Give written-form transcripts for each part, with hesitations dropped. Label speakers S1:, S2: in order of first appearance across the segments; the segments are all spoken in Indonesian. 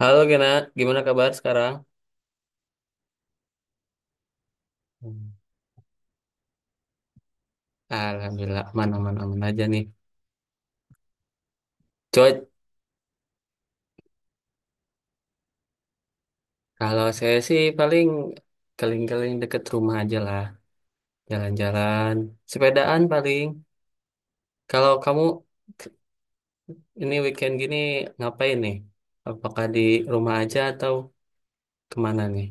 S1: Halo Gena, gimana kabar sekarang? Hmm. Alhamdulillah aman-aman aman aman, aman aja nih. Coy, kalau saya sih paling keliling-keliling deket rumah aja lah, jalan-jalan, sepedaan paling. Kalau kamu ini weekend gini ngapain nih? Apakah di rumah aja atau kemana nih?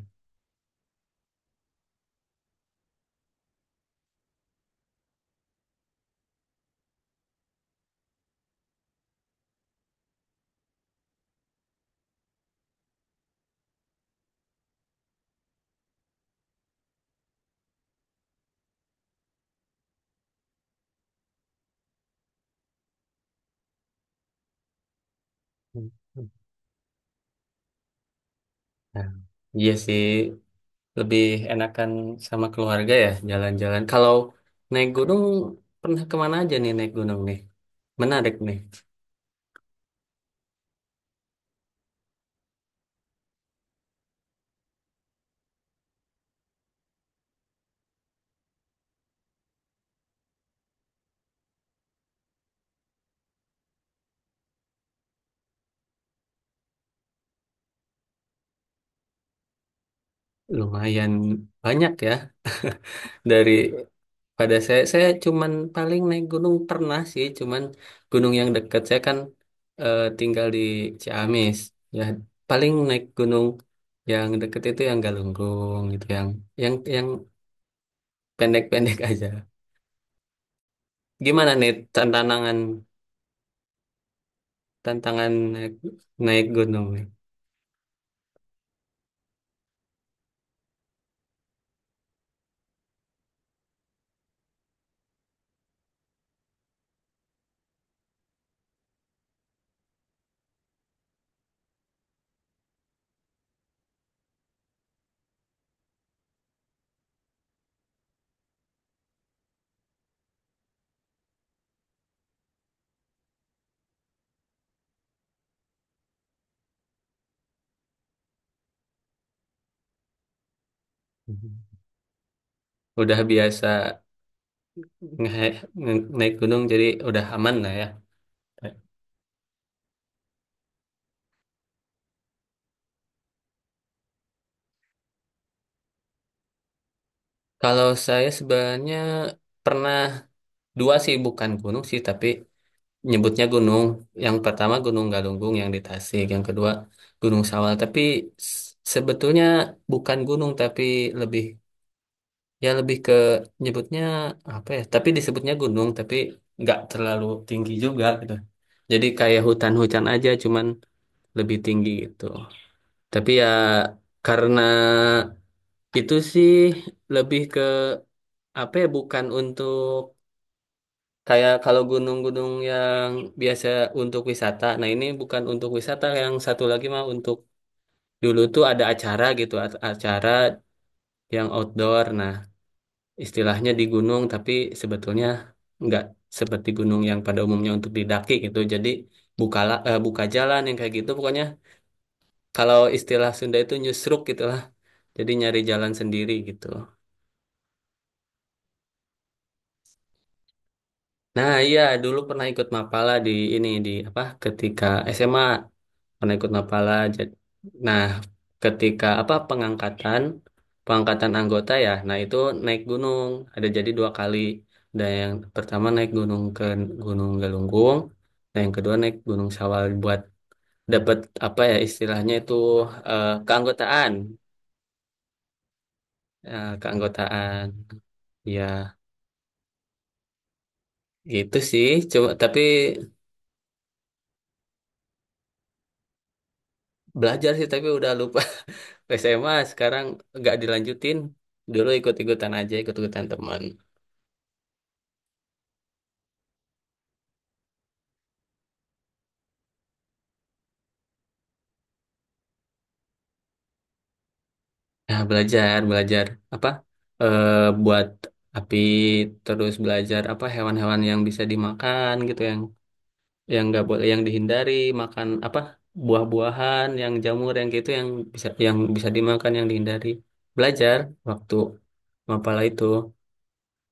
S1: Hmm. Nah, iya sih, lebih enakan sama keluarga ya jalan-jalan. Kalau naik gunung, pernah kemana aja nih naik gunung nih? Menarik nih. Lumayan banyak ya dari pada saya cuman paling naik gunung pernah sih cuman gunung yang dekat saya kan tinggal di Ciamis, ya paling naik gunung yang deket itu yang Galunggung gitu yang yang pendek-pendek aja. Gimana nih tantangan tantangan naik, naik gunung nih? Mhm. Udah biasa naik gunung jadi udah aman lah ya. Kalau saya sebenarnya pernah dua sih, bukan gunung sih tapi nyebutnya gunung. Yang pertama Gunung Galunggung yang di Tasik, yang kedua Gunung Sawal. Tapi s- sebetulnya bukan gunung tapi lebih, ya lebih ke nyebutnya apa ya? Tapi disebutnya gunung tapi nggak terlalu tinggi juga gitu. Jadi kayak hutan-hutan aja cuman lebih tinggi gitu. Tapi ya karena itu sih lebih ke apa ya, bukan untuk kayak kalau gunung-gunung yang biasa untuk wisata. Nah, ini bukan untuk wisata, yang satu lagi mah untuk dulu tuh ada acara gitu, acara yang outdoor. Nah, istilahnya di gunung, tapi sebetulnya nggak seperti gunung yang pada umumnya untuk didaki gitu. Jadi buka jalan yang kayak gitu. Pokoknya kalau istilah Sunda itu nyusruk gitu lah. Jadi nyari jalan sendiri gitu. Nah, iya dulu pernah ikut Mapala di ini di apa ketika SMA. Pernah ikut Mapala. Nah, ketika apa pengangkatan pengangkatan anggota ya, nah itu naik gunung. Ada jadi dua kali. Dan yang pertama naik gunung ke Gunung Galunggung, dan yang kedua naik Gunung Sawal buat dapat apa ya istilahnya itu keanggotaan. Keanggotaan. Ya, gitu sih. Coba tapi belajar sih tapi udah lupa SMA sekarang nggak dilanjutin. Dulu ikut-ikutan aja, ikut-ikutan teman. Ya, belajar, belajar apa? Eh, Buat api terus belajar apa hewan-hewan yang bisa dimakan gitu yang nggak boleh yang dihindari, makan apa buah-buahan yang jamur yang gitu yang bisa dimakan yang dihindari, belajar waktu mapala itu.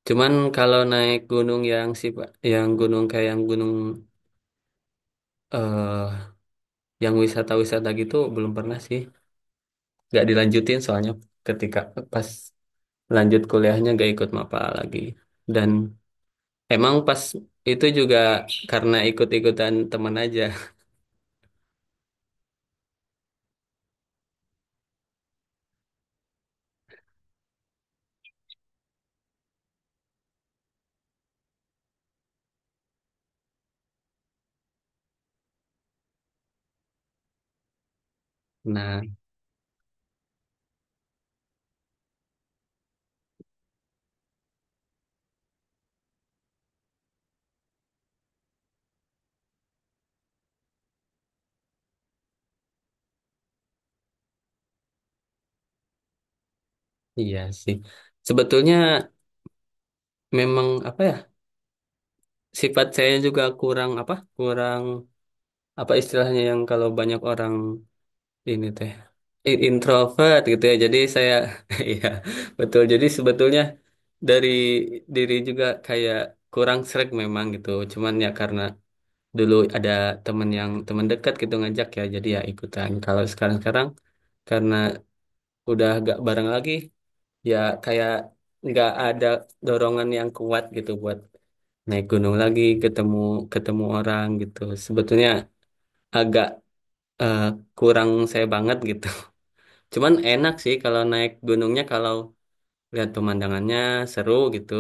S1: Cuman kalau naik gunung yang sih yang gunung kayak yang gunung eh yang wisata-wisata gitu belum pernah sih, nggak dilanjutin soalnya ketika pas lanjut kuliahnya gak ikut MAPA lagi. Dan emang pas itu juga karena ikut-ikutan teman aja. Nah, iya sih. Sebetulnya memang apa ya, sifat saya juga kurang apa istilahnya yang kalau banyak orang ini teh introvert gitu ya. Jadi saya iya, betul. Jadi sebetulnya dari diri juga kayak kurang sreg memang gitu. Cuman ya karena dulu ada temen yang teman dekat gitu ngajak ya jadi ya ikutan. Kalau sekarang sekarang karena udah gak bareng lagi, ya kayak nggak ada dorongan yang kuat gitu buat naik gunung lagi, ketemu ketemu orang gitu. Sebetulnya agak eh, kurang saya banget gitu. Cuman enak sih kalau naik gunungnya kalau lihat pemandangannya seru gitu.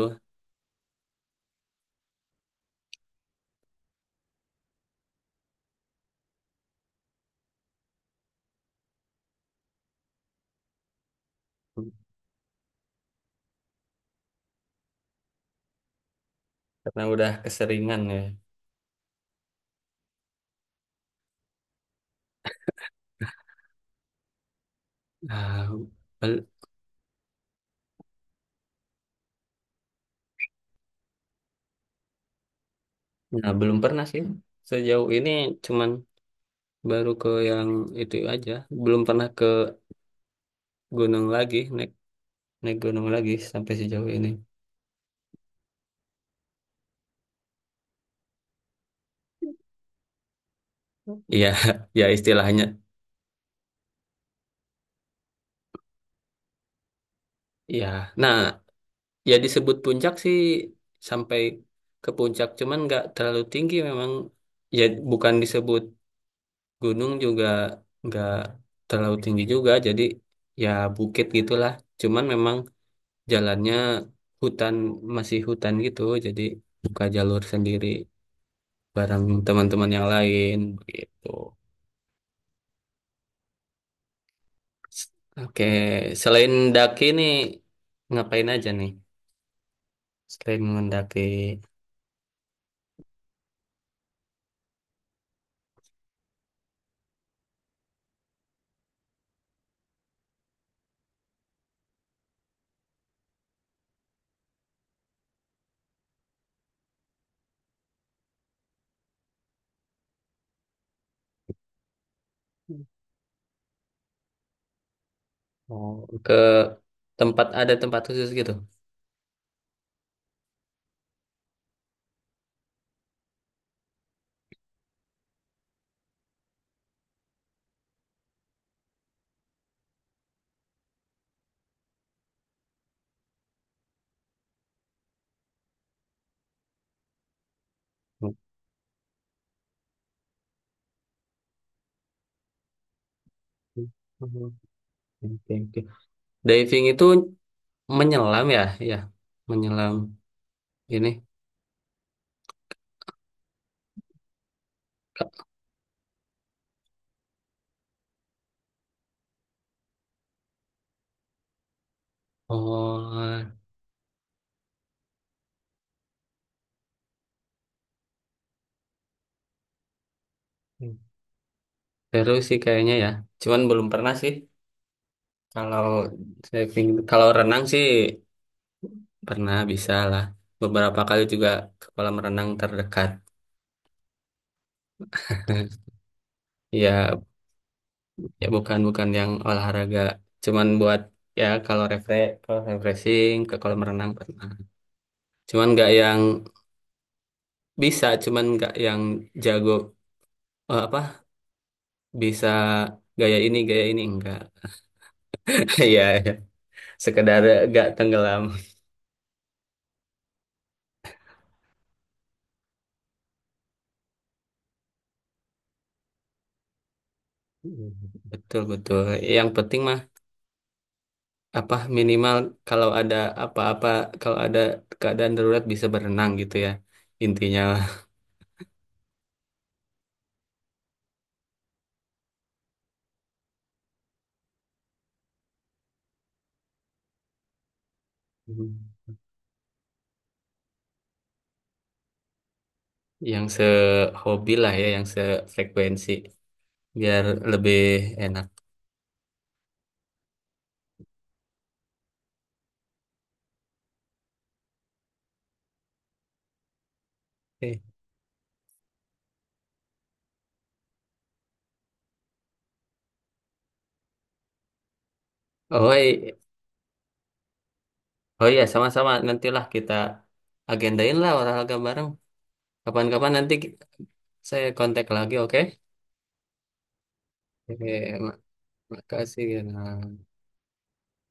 S1: Karena udah keseringan ya. Ah, bel- nah belum pernah sih sejauh ini, cuman baru ke yang itu aja, belum pernah ke gunung lagi, naik naik gunung lagi sampai sejauh ini. Iya. Ya istilahnya, ya nah ya, disebut puncak sih sampai ke puncak cuman nggak terlalu tinggi memang, ya bukan disebut gunung juga, nggak terlalu tinggi juga jadi ya bukit gitulah. Cuman memang jalannya hutan, masih hutan gitu, jadi buka jalur sendiri bareng teman-teman yang lain begitu. Oke, selain daki nih ngapain aja nih? Selain mendaki, oh, ke tempat ada tempat khusus gitu. Oke, oke, oke. Diving itu menyelam ya, ya, menyelam ini. Oh, seru sih kayaknya ya. Cuman belum pernah sih. Kalau diving, kalau renang sih pernah bisa lah. Beberapa kali juga ke kolam renang terdekat. Ya, ya bukan bukan yang olahraga, cuman buat ya kalau refresh kalau refreshing ke kolam renang pernah, cuman nggak yang bisa, cuman nggak yang jago, apa bisa gaya ini enggak. Ya ya. Sekedar nggak tenggelam. Mm, betul betul, yang penting mah apa minimal kalau ada apa-apa, kalau ada keadaan darurat bisa berenang gitu ya, intinya lah. Mm. Yang sehobi lah ya, yang sefrekuensi biar lebih enak. Oke. Oh, oh iya, sama-sama. Nantilah kita agendain lah olahraga bareng. Kapan-kapan nanti saya kontak lagi, oke? Oke, mak- makasih, Gina.